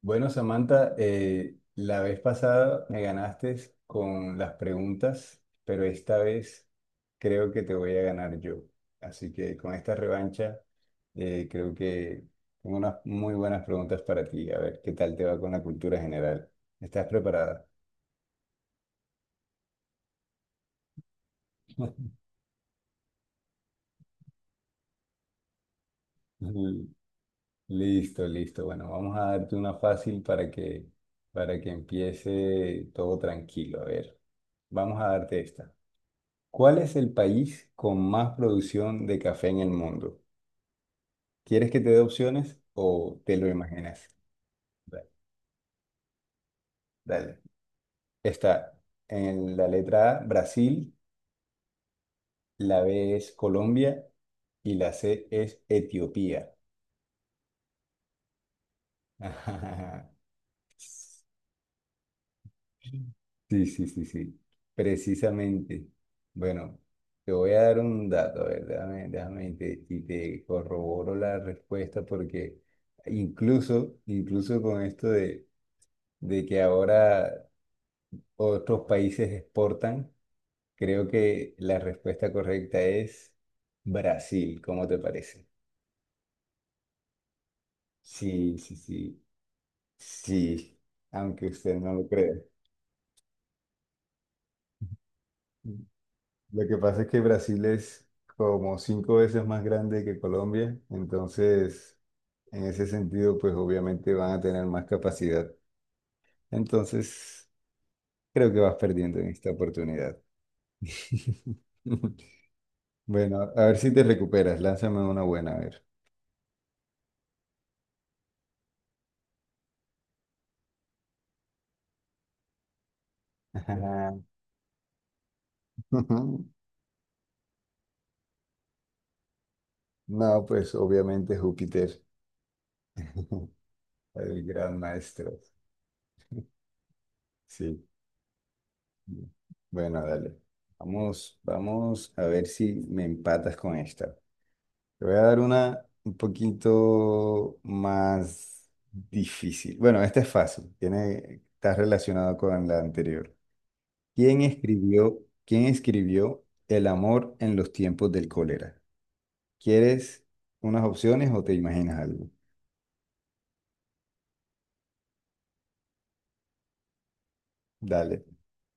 Bueno, Samantha, la vez pasada me ganaste con las preguntas, pero esta vez creo que te voy a ganar yo. Así que con esta revancha, creo que tengo unas muy buenas preguntas para ti. A ver qué tal te va con la cultura general. ¿Estás preparada? L- Listo, listo. Bueno, vamos a darte una fácil para que empiece todo tranquilo. A ver, vamos a darte esta. ¿Cuál es el país con más producción de café en el mundo? ¿Quieres que te dé opciones o te lo imaginas? Da- Dale. Está en la letra A, Brasil, la B es Colombia y la C es Etiopía. Sí, sí, sí, sí. Precisamente. Bueno, te voy a dar un dato, a ver, déjame, y te corroboro la respuesta porque incluso con esto de que ahora otros países exportan, creo que la respuesta correcta es Brasil, ¿cómo te parece? Sí, sí, sí, sí, aunque usted no lo crea. Lo que pasa es que Brasil es como 5 veces más grande que Colombia, entonces en ese sentido, pues obviamente van a tener más capacidad. Entonces, creo que vas perdiendo en esta oportunidad. Bueno, a ver si te recuperas, lánzame una buena, a ver. Ah, no, pues obviamente Júpiter, el gran maestro. Sí. Bueno, dale. Vamos a ver si me empatas con esta. Te voy a dar una un poquito más difícil. Bueno, esta es fácil. Tiene, está relacionado con la anterior. ¿Quién escribió, ¿quién escribió El amor en los tiempos del cólera? ¿Quieres unas opciones o te imaginas algo? Dale.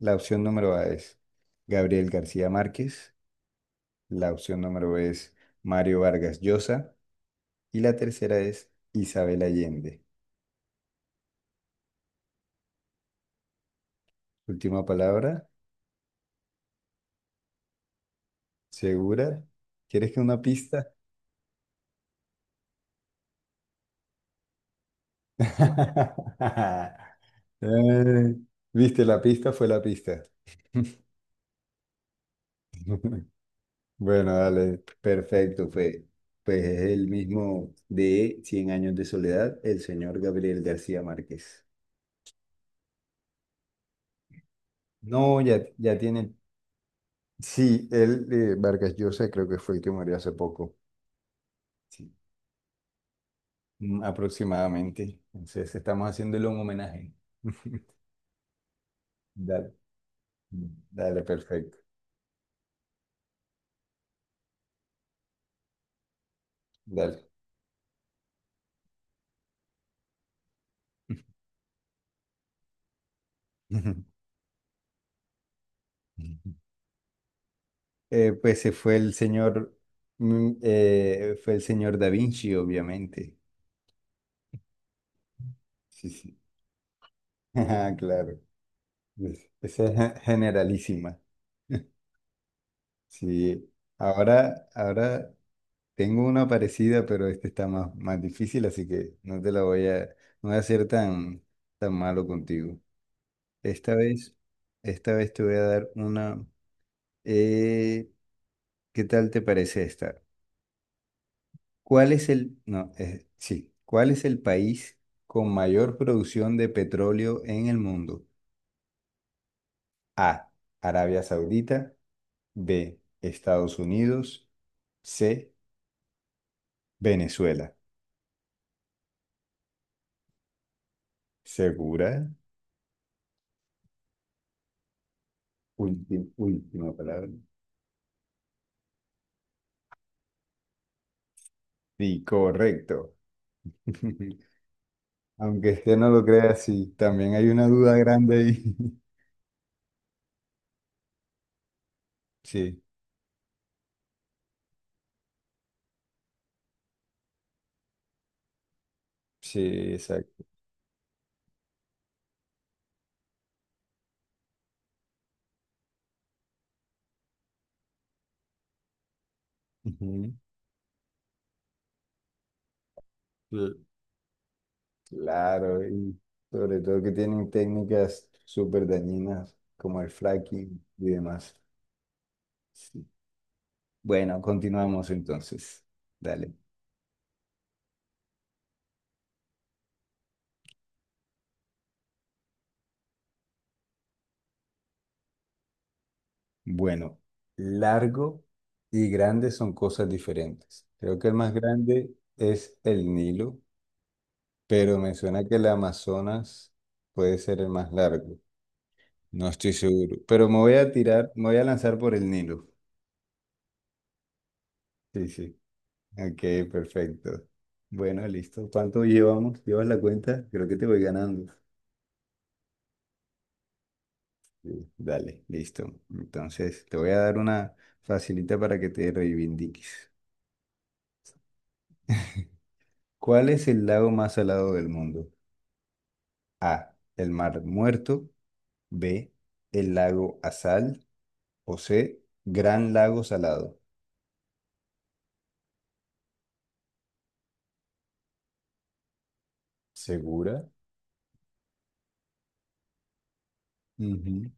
La opción número A es Gabriel García Márquez, la opción número B es Mario Vargas Llosa y la tercera es Isabel Allende. Última palabra, ¿segura? ¿Quieres que una pista? Eh, ¿Viste la pista? Fue la pista. Bueno, dale, perfecto, fue. Pues es el mismo de Cien años de soledad, el señor Gabriel García Márquez. No, ya tiene. Sí, él, Vargas Llosa, creo que fue el que murió hace poco. Sí. Mm, aproximadamente. Entonces estamos haciéndole un homenaje. Dale, dale, perfecto. Dale. Pues se fue el señor, fue el señor Da Vinci, obviamente. Sí, sí. Ajá, claro. Pues, esa es generalísima. Sí. Ahora, tengo una parecida, pero este está más difícil, así que no te la no voy a ser tan malo contigo. Esta vez, esta vez te voy a dar una. eh, ¿Qué tal te parece esta? ¿Cuál es el, no, sí, ¿cuál es el país con mayor producción de petróleo en el mundo? A, Arabia Saudita, B, Estados Unidos, C, Venezuela. ¿Segura? Última palabra. Sí, correcto. Aunque usted no lo crea, sí, también hay una duda grande ahí. Sí, sí, exacto. Ujú. Cl- Claro, y sobre todo que tienen técnicas súper dañinas como el fracking y demás. Sí. Bueno, continuamos entonces. Dale. Bueno, largo y grande son cosas diferentes. Creo que el más grande es el Nilo, pero me suena que el Amazonas puede ser el más largo. No estoy seguro, pero me voy a me voy a lanzar por el Nilo. Sí, sí. Ok, perfecto. Bueno, listo. ¿Cuánto llevamos? ¿Llevas la cuenta? Creo que te voy ganando. Sí. Dale, listo. Entonces, te voy a dar una facilita para que te reivindiques. ¿Cuál es el lago más salado del mundo? A, el Mar Muerto. B, el lago Azal. O C, Gran Lago Salado. ¿Segura? Ujú.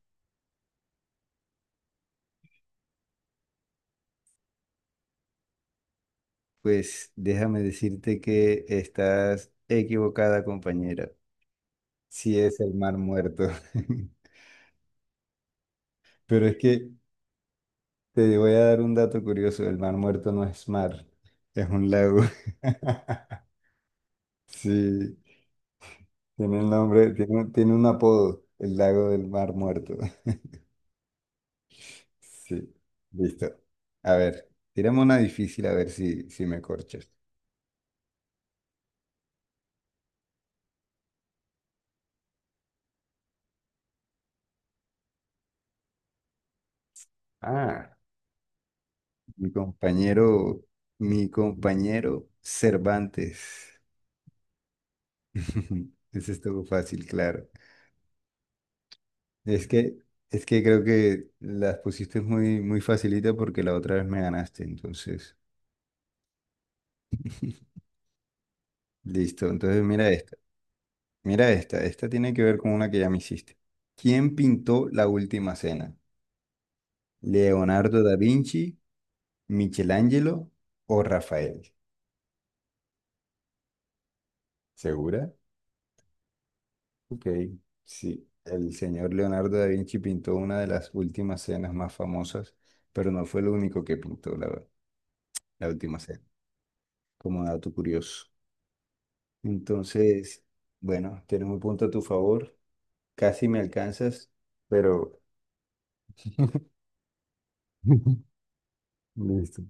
Pues déjame decirte que estás equivocada, compañera. Sí es el Mar Muerto. Pero es que te voy a dar un dato curioso. El Mar Muerto no es mar, es un lago. Sí, tiene un nombre, tiene un apodo, el lago del Mar Muerto. Sí, listo. A ver, tiramos una difícil a ver si me corchas. Ah, mi compañero, mi compañero Cervantes. Eso estuvo fácil, claro. Es que, es que creo que las pusiste muy facilita porque la otra vez me ganaste, entonces. Listo, entonces mira esta. Mira esta. Esta tiene que ver con una que ya me hiciste. ¿Quién pintó la última cena? ¿Leonardo da Vinci, Michelangelo o Rafael? ¿Segura? Ok, sí. El señor Leonardo da Vinci pintó una de las últimas cenas más famosas, pero no fue lo único que pintó la última cena, como dato curioso. Entonces, bueno, tienes un punto a tu favor. Casi me alcanzas, pero listo.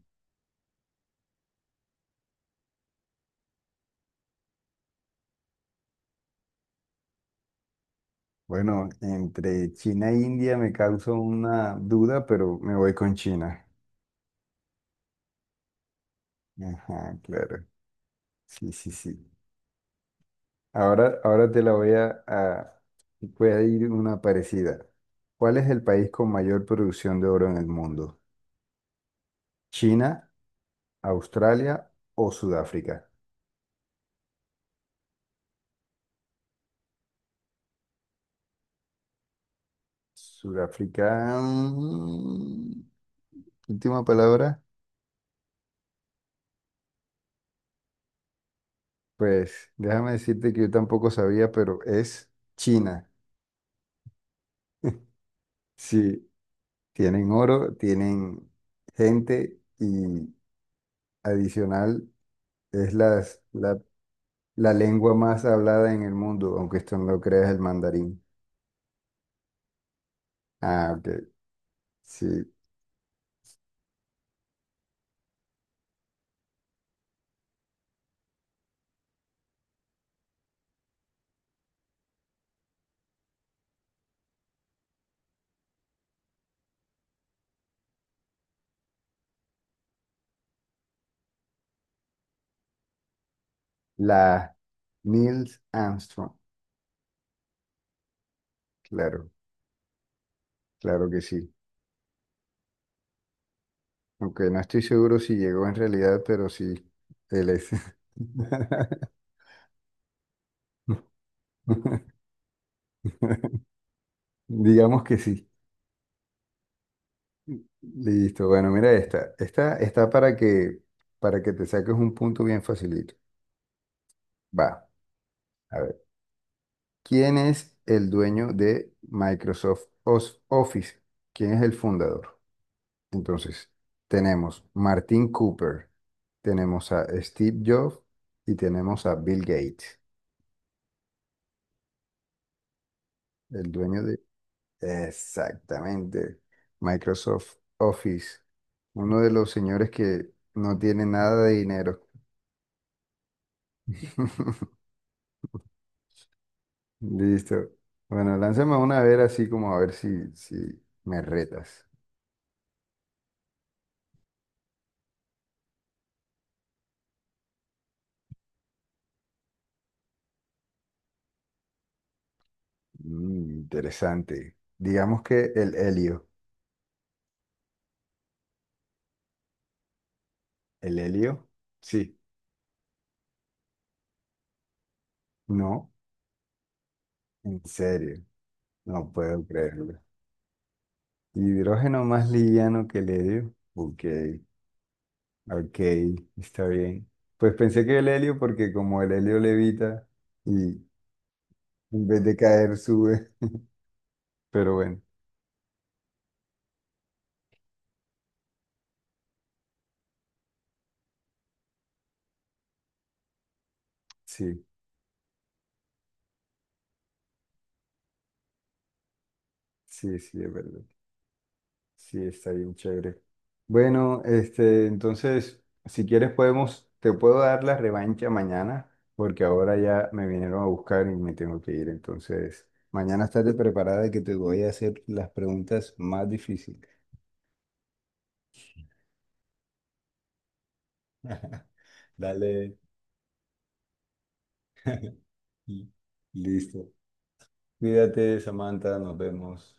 Bueno, entre China e India me causa una duda, pero me voy con China. Ajá, claro. Sí, sí, sí. Ahora, ahora te la voy a... Voy a ir una parecida. ¿Cuál es el país con mayor producción de oro en el mundo? ¿China, Australia o Sudáfrica? Sudáfrica. Mm, última palabra. Pues déjame decirte que yo tampoco sabía, pero es China. Sí, tienen oro, tienen gente y adicional es la lengua más hablada en el mundo, aunque esto no lo creas, el mandarín. Ah, ok. Sí, la Nils Armstrong. Claro, claro que sí. Aunque no estoy seguro si llegó en realidad, pero sí, él es. Digamos que sí. Listo. Bueno, mira esta. Esta está para que te saques un punto bien facilito. Va, a ver. ¿Quién es el dueño de Microsoft Office? ¿Quién es el fundador? Entonces, tenemos Martin Cooper, tenemos a Steve Jobs y tenemos a Bill Gates, el dueño. Exactamente. Microsoft Office. Uno de los señores que no tiene nada de dinero. Listo. Bueno, lánzame una a ver así como a ver si me retas. Mm, interesante. Digamos que el helio. ¿El helio? Sí. No, en serio. No puedo creerlo. Hidrógeno más liviano que el helio. Ok. Ok, está bien. Pues pensé que el helio, porque como el helio levita y en vez de caer sube, pero bueno, sí, sí, sí, es verdad. Sí, está bien chévere. Bueno, este, entonces, si quieres podemos, te puedo dar la revancha mañana, porque ahora ya me vinieron a buscar y me tengo que ir. Entonces, mañana estate preparada que te voy a hacer las preguntas más difíciles. Dale, y- listo. Cuídate, Samantha, nos vemos.